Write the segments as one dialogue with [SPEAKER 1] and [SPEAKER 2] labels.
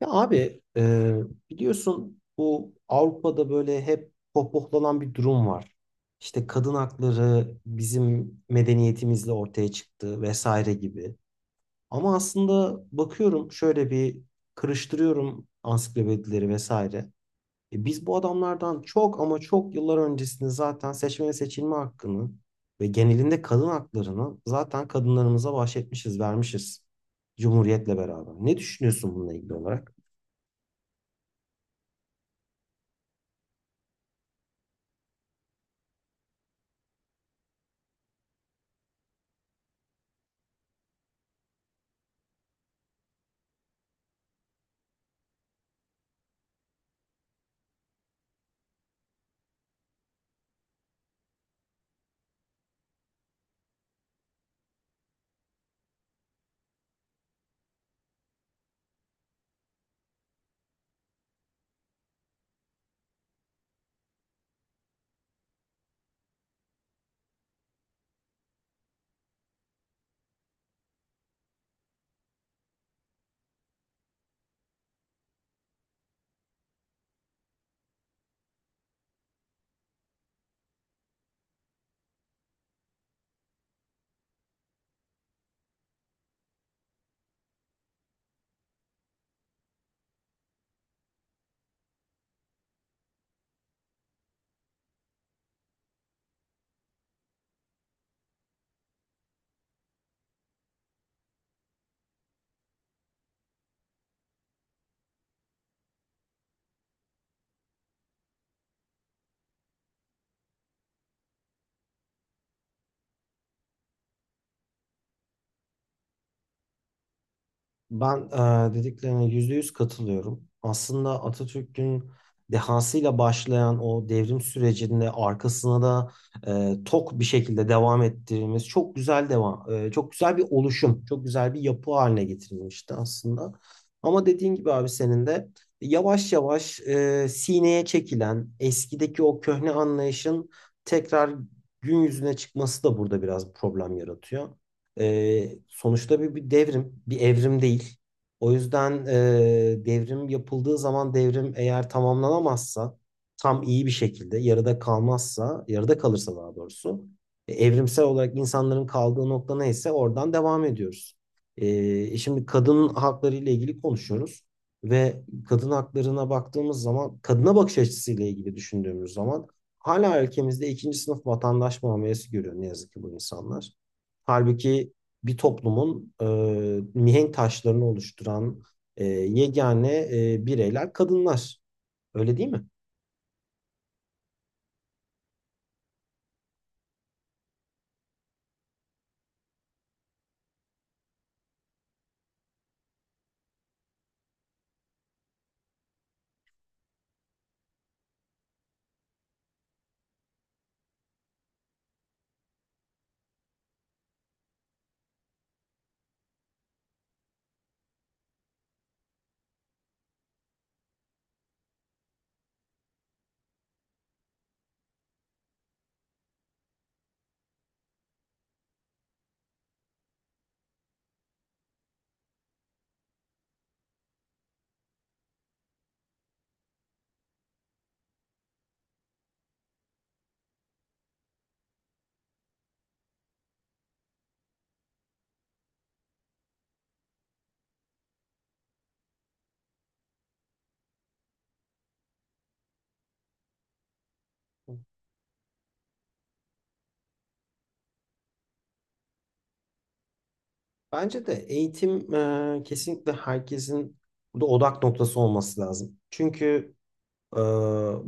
[SPEAKER 1] Ya abi biliyorsun bu Avrupa'da böyle hep pohpohlanan bir durum var. İşte kadın hakları bizim medeniyetimizle ortaya çıktı vesaire gibi. Ama aslında bakıyorum şöyle bir karıştırıyorum ansiklopedileri vesaire. Biz bu adamlardan çok ama çok yıllar öncesinde zaten seçme ve seçilme hakkını ve genelinde kadın haklarını zaten kadınlarımıza bahşetmişiz, vermişiz. Cumhuriyetle beraber. Ne düşünüyorsun bununla ilgili olarak? Ben dediklerine yüzde yüz katılıyorum. Aslında Atatürk'ün dehasıyla başlayan o devrim sürecinde arkasına da tok bir şekilde devam ettirdiğimiz çok güzel devam, çok güzel bir oluşum, çok güzel bir yapı haline getirilmişti aslında. Ama dediğin gibi abi senin de yavaş yavaş sineye çekilen eskideki o köhne anlayışın tekrar gün yüzüne çıkması da burada biraz problem yaratıyor. Sonuçta bir devrim, bir evrim değil. O yüzden devrim yapıldığı zaman devrim eğer tamamlanamazsa, tam iyi bir şekilde yarıda kalmazsa, yarıda kalırsa daha doğrusu, evrimsel olarak insanların kaldığı nokta neyse oradan devam ediyoruz. Şimdi kadın hakları ile ilgili konuşuyoruz ve kadın haklarına baktığımız zaman, kadına bakış açısıyla ilgili düşündüğümüz zaman hala ülkemizde ikinci sınıf vatandaş muamelesi görüyor ne yazık ki bu insanlar. Halbuki bir toplumun mihenk taşlarını oluşturan yegane bireyler kadınlar. Öyle değil mi? Bence de eğitim kesinlikle herkesin burada odak noktası olması lazım. Çünkü Ee,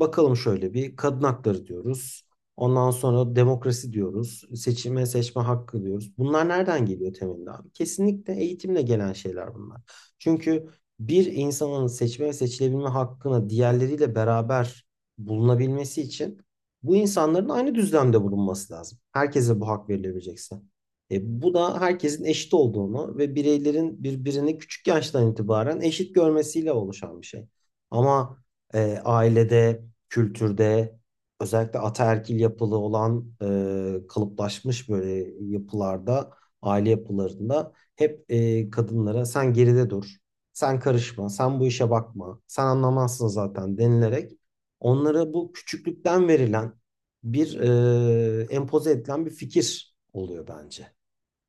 [SPEAKER 1] bakalım şöyle bir kadın hakları diyoruz. Ondan sonra demokrasi diyoruz. Seçime seçme hakkı diyoruz. Bunlar nereden geliyor temelinde abi? Kesinlikle eğitimle gelen şeyler bunlar. Çünkü bir insanın seçme ve seçilebilme hakkına diğerleriyle beraber bulunabilmesi için bu insanların aynı düzlemde bulunması lazım. Herkese bu hak verilebilecekse. Bu da herkesin eşit olduğunu ve bireylerin birbirini küçük yaştan itibaren eşit görmesiyle oluşan bir şey. Ama ailede, kültürde, özellikle ataerkil yapılı olan kalıplaşmış böyle yapılarda, aile yapılarında hep kadınlara sen geride dur, sen karışma, sen bu işe bakma, sen anlamazsın zaten denilerek onlara bu küçüklükten verilen bir empoze edilen bir fikir oluyor bence.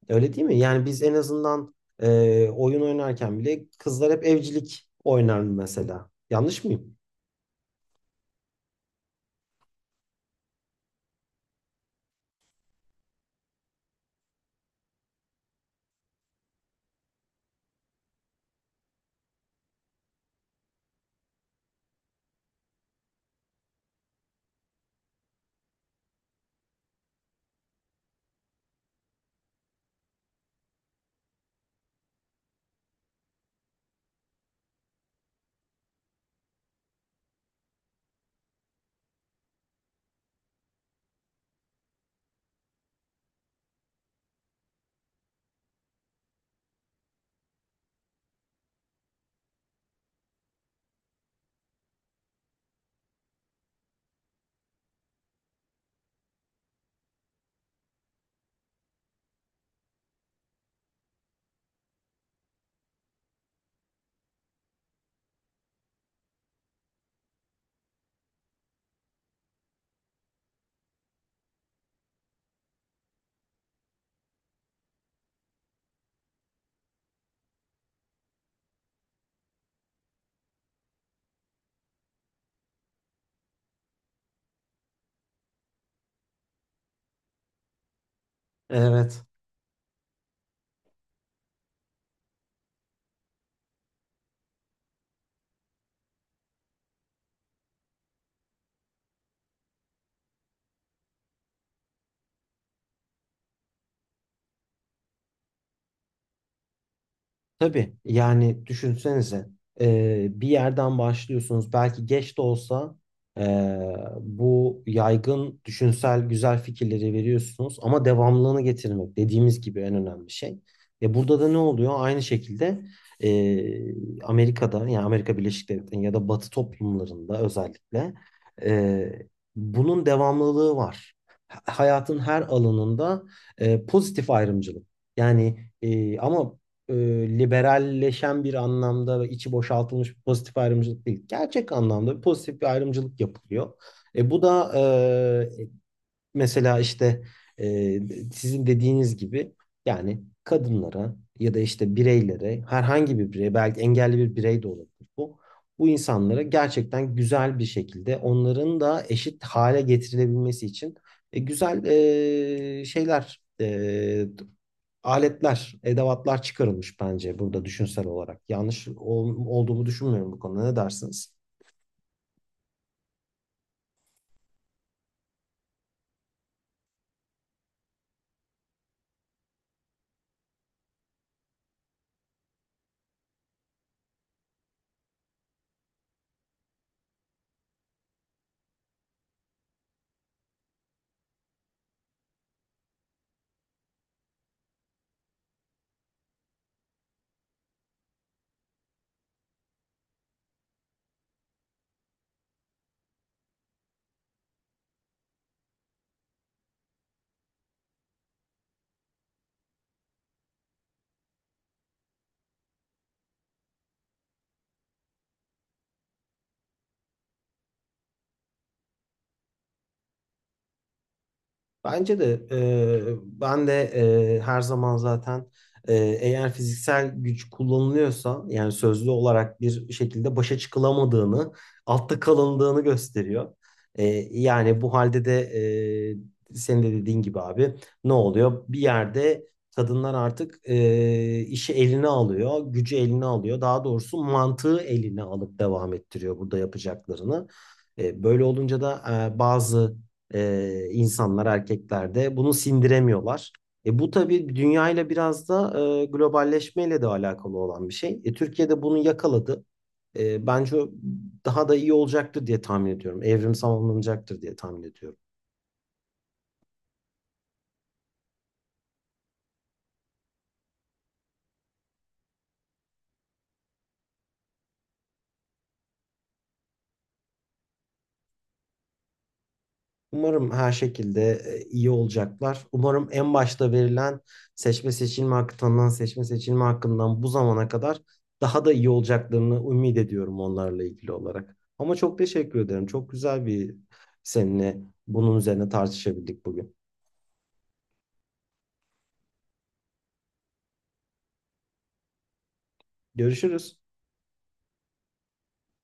[SPEAKER 1] Öyle değil mi? Yani biz en azından oyun oynarken bile kızlar hep evcilik oynar mesela. Yanlış mıyım? Evet. Tabii yani düşünsenize bir yerden başlıyorsunuz. Belki geç de olsa e, bu yaygın düşünsel güzel fikirleri veriyorsunuz ama devamlılığını getirmek dediğimiz gibi en önemli şey. Burada da ne oluyor? Aynı şekilde Amerika'da yani Amerika Birleşik Devletleri'nin ya da Batı toplumlarında özellikle e, bunun devamlılığı var. Hayatın her alanında pozitif ayrımcılık. Yani ama e, liberalleşen bir anlamda ve içi boşaltılmış bir pozitif ayrımcılık değil. Gerçek anlamda bir pozitif bir ayrımcılık yapılıyor. Bu da e, mesela işte e, sizin dediğiniz gibi yani kadınlara ya da işte bireylere herhangi bir birey belki engelli bir birey de olabilir bu. Bu insanlara gerçekten güzel bir şekilde onların da eşit hale getirilebilmesi için güzel şeyler aletler, edevatlar çıkarılmış bence burada düşünsel olarak. Yanlış olduğumu düşünmüyorum bu konuda. Ne dersiniz? Bence de ben de her zaman zaten e, eğer fiziksel güç kullanılıyorsa yani sözlü olarak bir şekilde başa çıkılamadığını, altta kalındığını gösteriyor. E, Yani bu halde de senin de dediğin gibi abi ne oluyor? Bir yerde kadınlar artık işi eline alıyor, gücü eline alıyor. Daha doğrusu mantığı eline alıp devam ettiriyor burada yapacaklarını. Böyle olunca da bazı insanlar erkeklerde bunu sindiremiyorlar. Bu tabii dünyayla biraz da globalleşmeyle de alakalı olan bir şey. Türkiye'de bunu yakaladı. Bence o daha da iyi olacaktır diye tahmin ediyorum. Evrimsel alınacaktır diye tahmin ediyorum. Umarım her şekilde iyi olacaklar. Umarım en başta verilen seçme seçilme hakkından, seçme seçilme hakkından bu zamana kadar daha da iyi olacaklarını ümit ediyorum onlarla ilgili olarak. Ama çok teşekkür ederim. Çok güzel bir seninle bunun üzerine tartışabildik bugün. Görüşürüz.